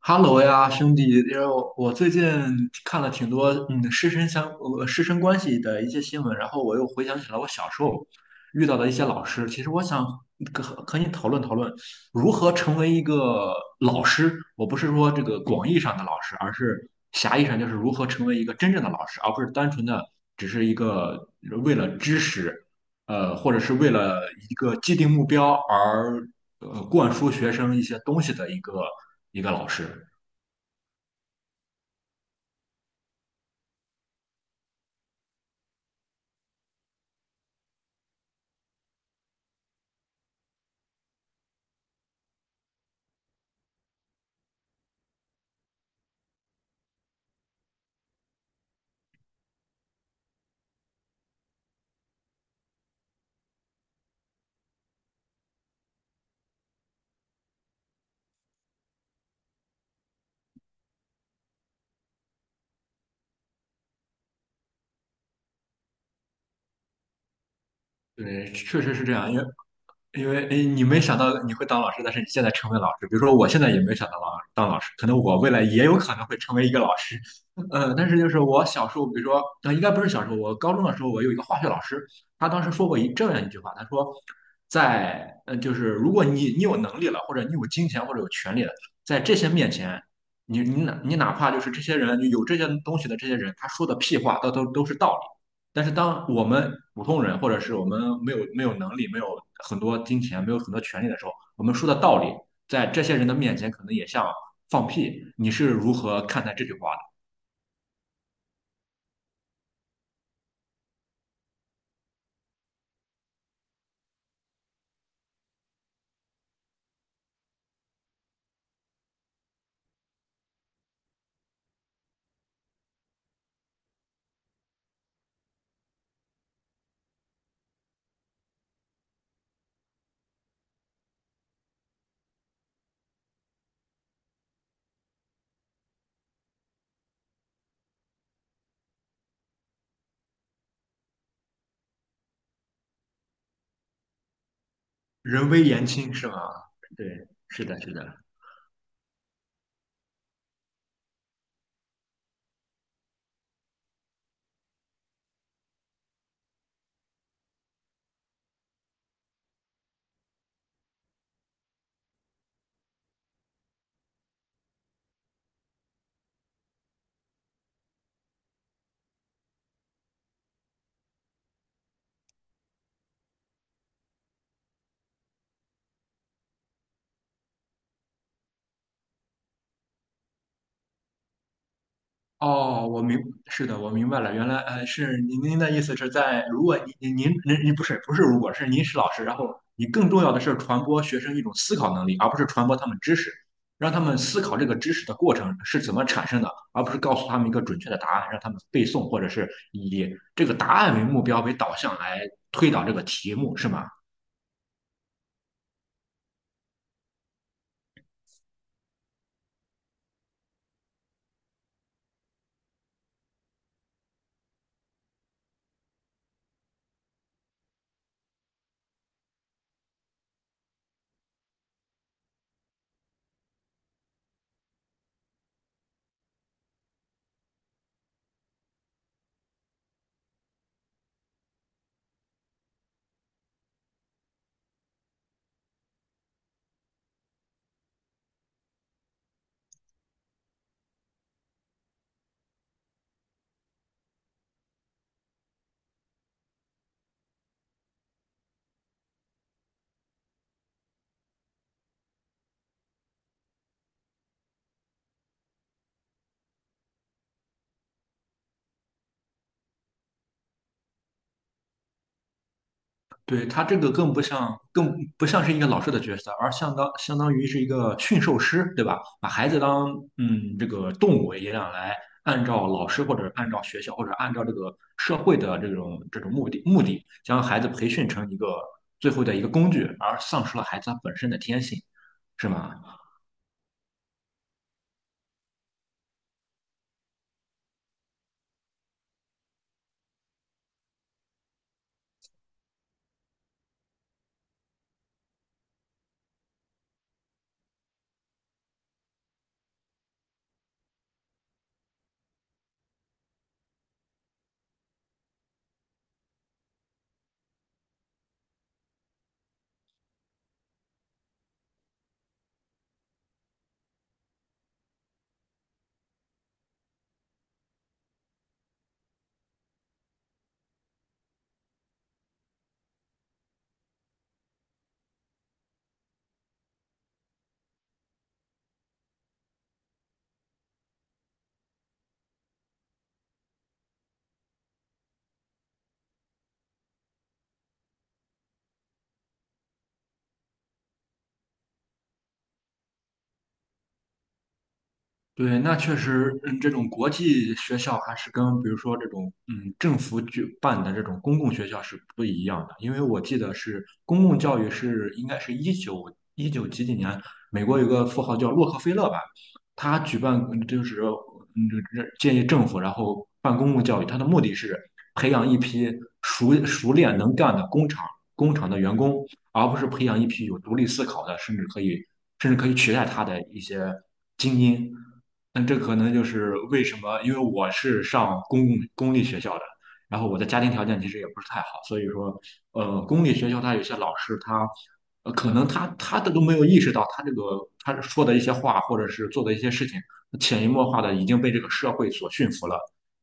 哈喽呀，兄弟，因为我最近看了挺多师生关系的一些新闻，然后我又回想起了我小时候遇到的一些老师。其实我想和你讨论讨论如何成为一个老师。我不是说这个广义上的老师，而是狭义上就是如何成为一个真正的老师，而不是单纯的只是一个为了知识，或者是为了一个既定目标而灌输学生一些东西的一个老师。对，确实是这样，因为诶，你没想到你会当老师，但是你现在成为老师。比如说，我现在也没想到当老师，可能我未来也有可能会成为一个老师。但是就是我小时候，比如说，应该不是小时候，我高中的时候，我有一个化学老师，他当时说过这样一句话，他说，就是如果你有能力了，或者你有金钱或者有权利了，在这些面前，你你哪你哪怕就是这些人有这些东西的这些人，他说的屁话，都是道理。但是当我们普通人或者是我们没有能力、没有很多金钱、没有很多权利的时候，我们说的道理，在这些人的面前可能也像放屁。你是如何看待这句话的？人微言轻是吗？对，是的，是的。哦，是的，我明白了，原来是您的意思是在，如果您不是不是，如果是您是老师，然后你更重要的是传播学生一种思考能力，而不是传播他们知识，让他们思考这个知识的过程是怎么产生的，而不是告诉他们一个准确的答案，让他们背诵，或者是以这个答案为目标为导向来推导这个题目，是吗？对，他这个更不像是一个老师的角色，而相当于是一个驯兽师，对吧？把孩子当这个动物一样来，按照老师或者按照学校或者按照这个社会的这种目的，将孩子培训成一个最后的一个工具，而丧失了孩子他本身的天性，是吗？对，那确实，这种国际学校还是跟比如说这种政府举办的这种公共学校是不一样的，因为我记得是公共教育是应该是19几几年，美国有个富豪叫洛克菲勒吧，他举办就是建议政府然后办公共教育，他的目的是培养一批熟练能干的工厂的员工，而不是培养一批有独立思考的，甚至可以取代他的一些精英。那这可能就是为什么，因为我是上公立学校的，然后我的家庭条件其实也不是太好，所以说，公立学校他有些老师他，可能他的都没有意识到，他这个他说的一些话或者是做的一些事情，潜移默化的已经被这个社会所驯服了。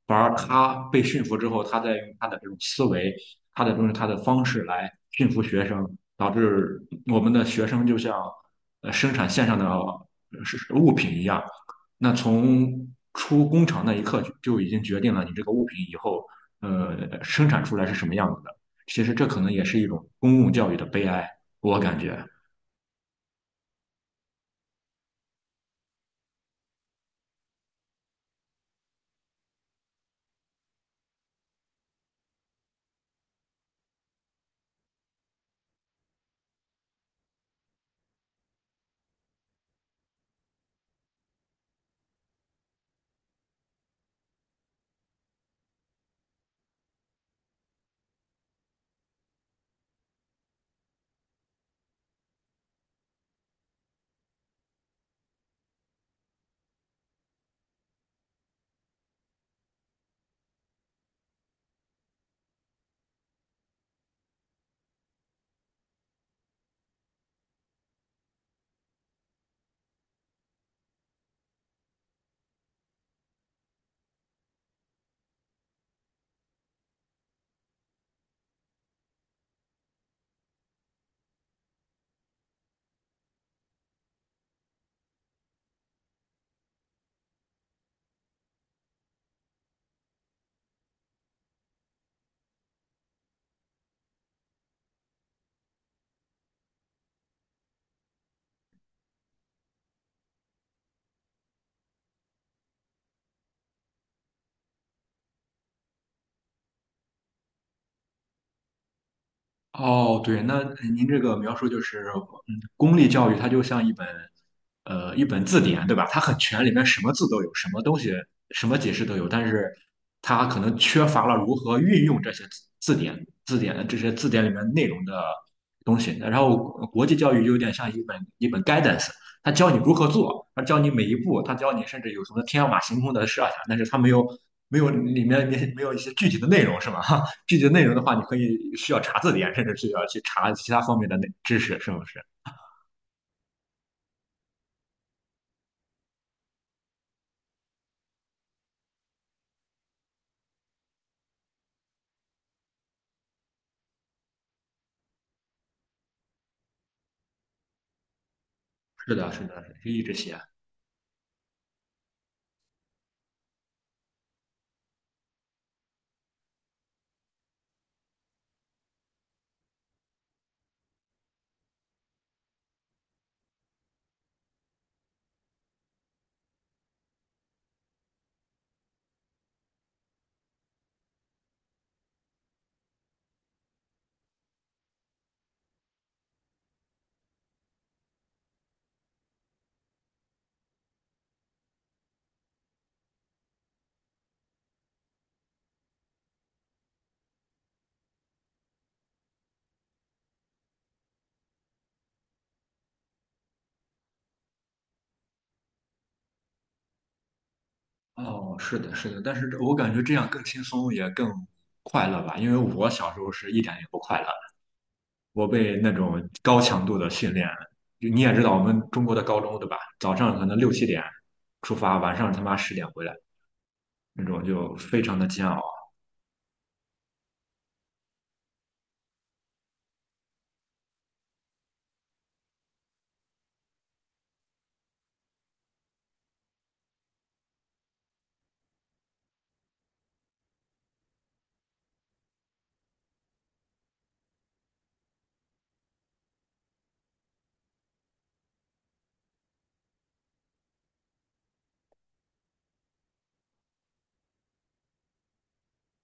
反而他被驯服之后，他在用他的这种思维、他的东西、他的方式来驯服学生，导致我们的学生就像生产线上的是物品一样。那从出工厂那一刻就已经决定了你这个物品以后生产出来是什么样子的。其实这可能也是一种公共教育的悲哀，我感觉。哦，对，那哎您这个描述就是，公立教育它就像一本字典，对吧？它很全，里面什么字都有，什么东西，什么解释都有，但是它可能缺乏了如何运用字典、这些字典里面内容的东西。然后国际教育有点像一本 guidance，它教你如何做，它教你每一步，它教你甚至有什么天马行空的设想，但是它没有里面没有一些具体的内容，是吗？具体的内容的话，你可以需要查字典，甚至是要去查其他方面的内知识，是不是？是的，是的，是一直写。哦，是的，是的，但是我感觉这样更轻松，也更快乐吧。因为我小时候是一点也不快乐，我被那种高强度的训练，就你也知道我们中国的高中，对吧？早上可能6、7点出发，晚上他妈10点回来，那种就非常的煎熬。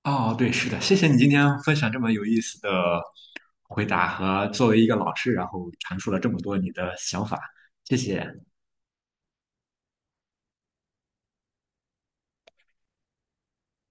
哦，对，是的，谢谢你今天分享这么有意思的回答和作为一个老师，然后阐述了这么多你的想法，谢谢。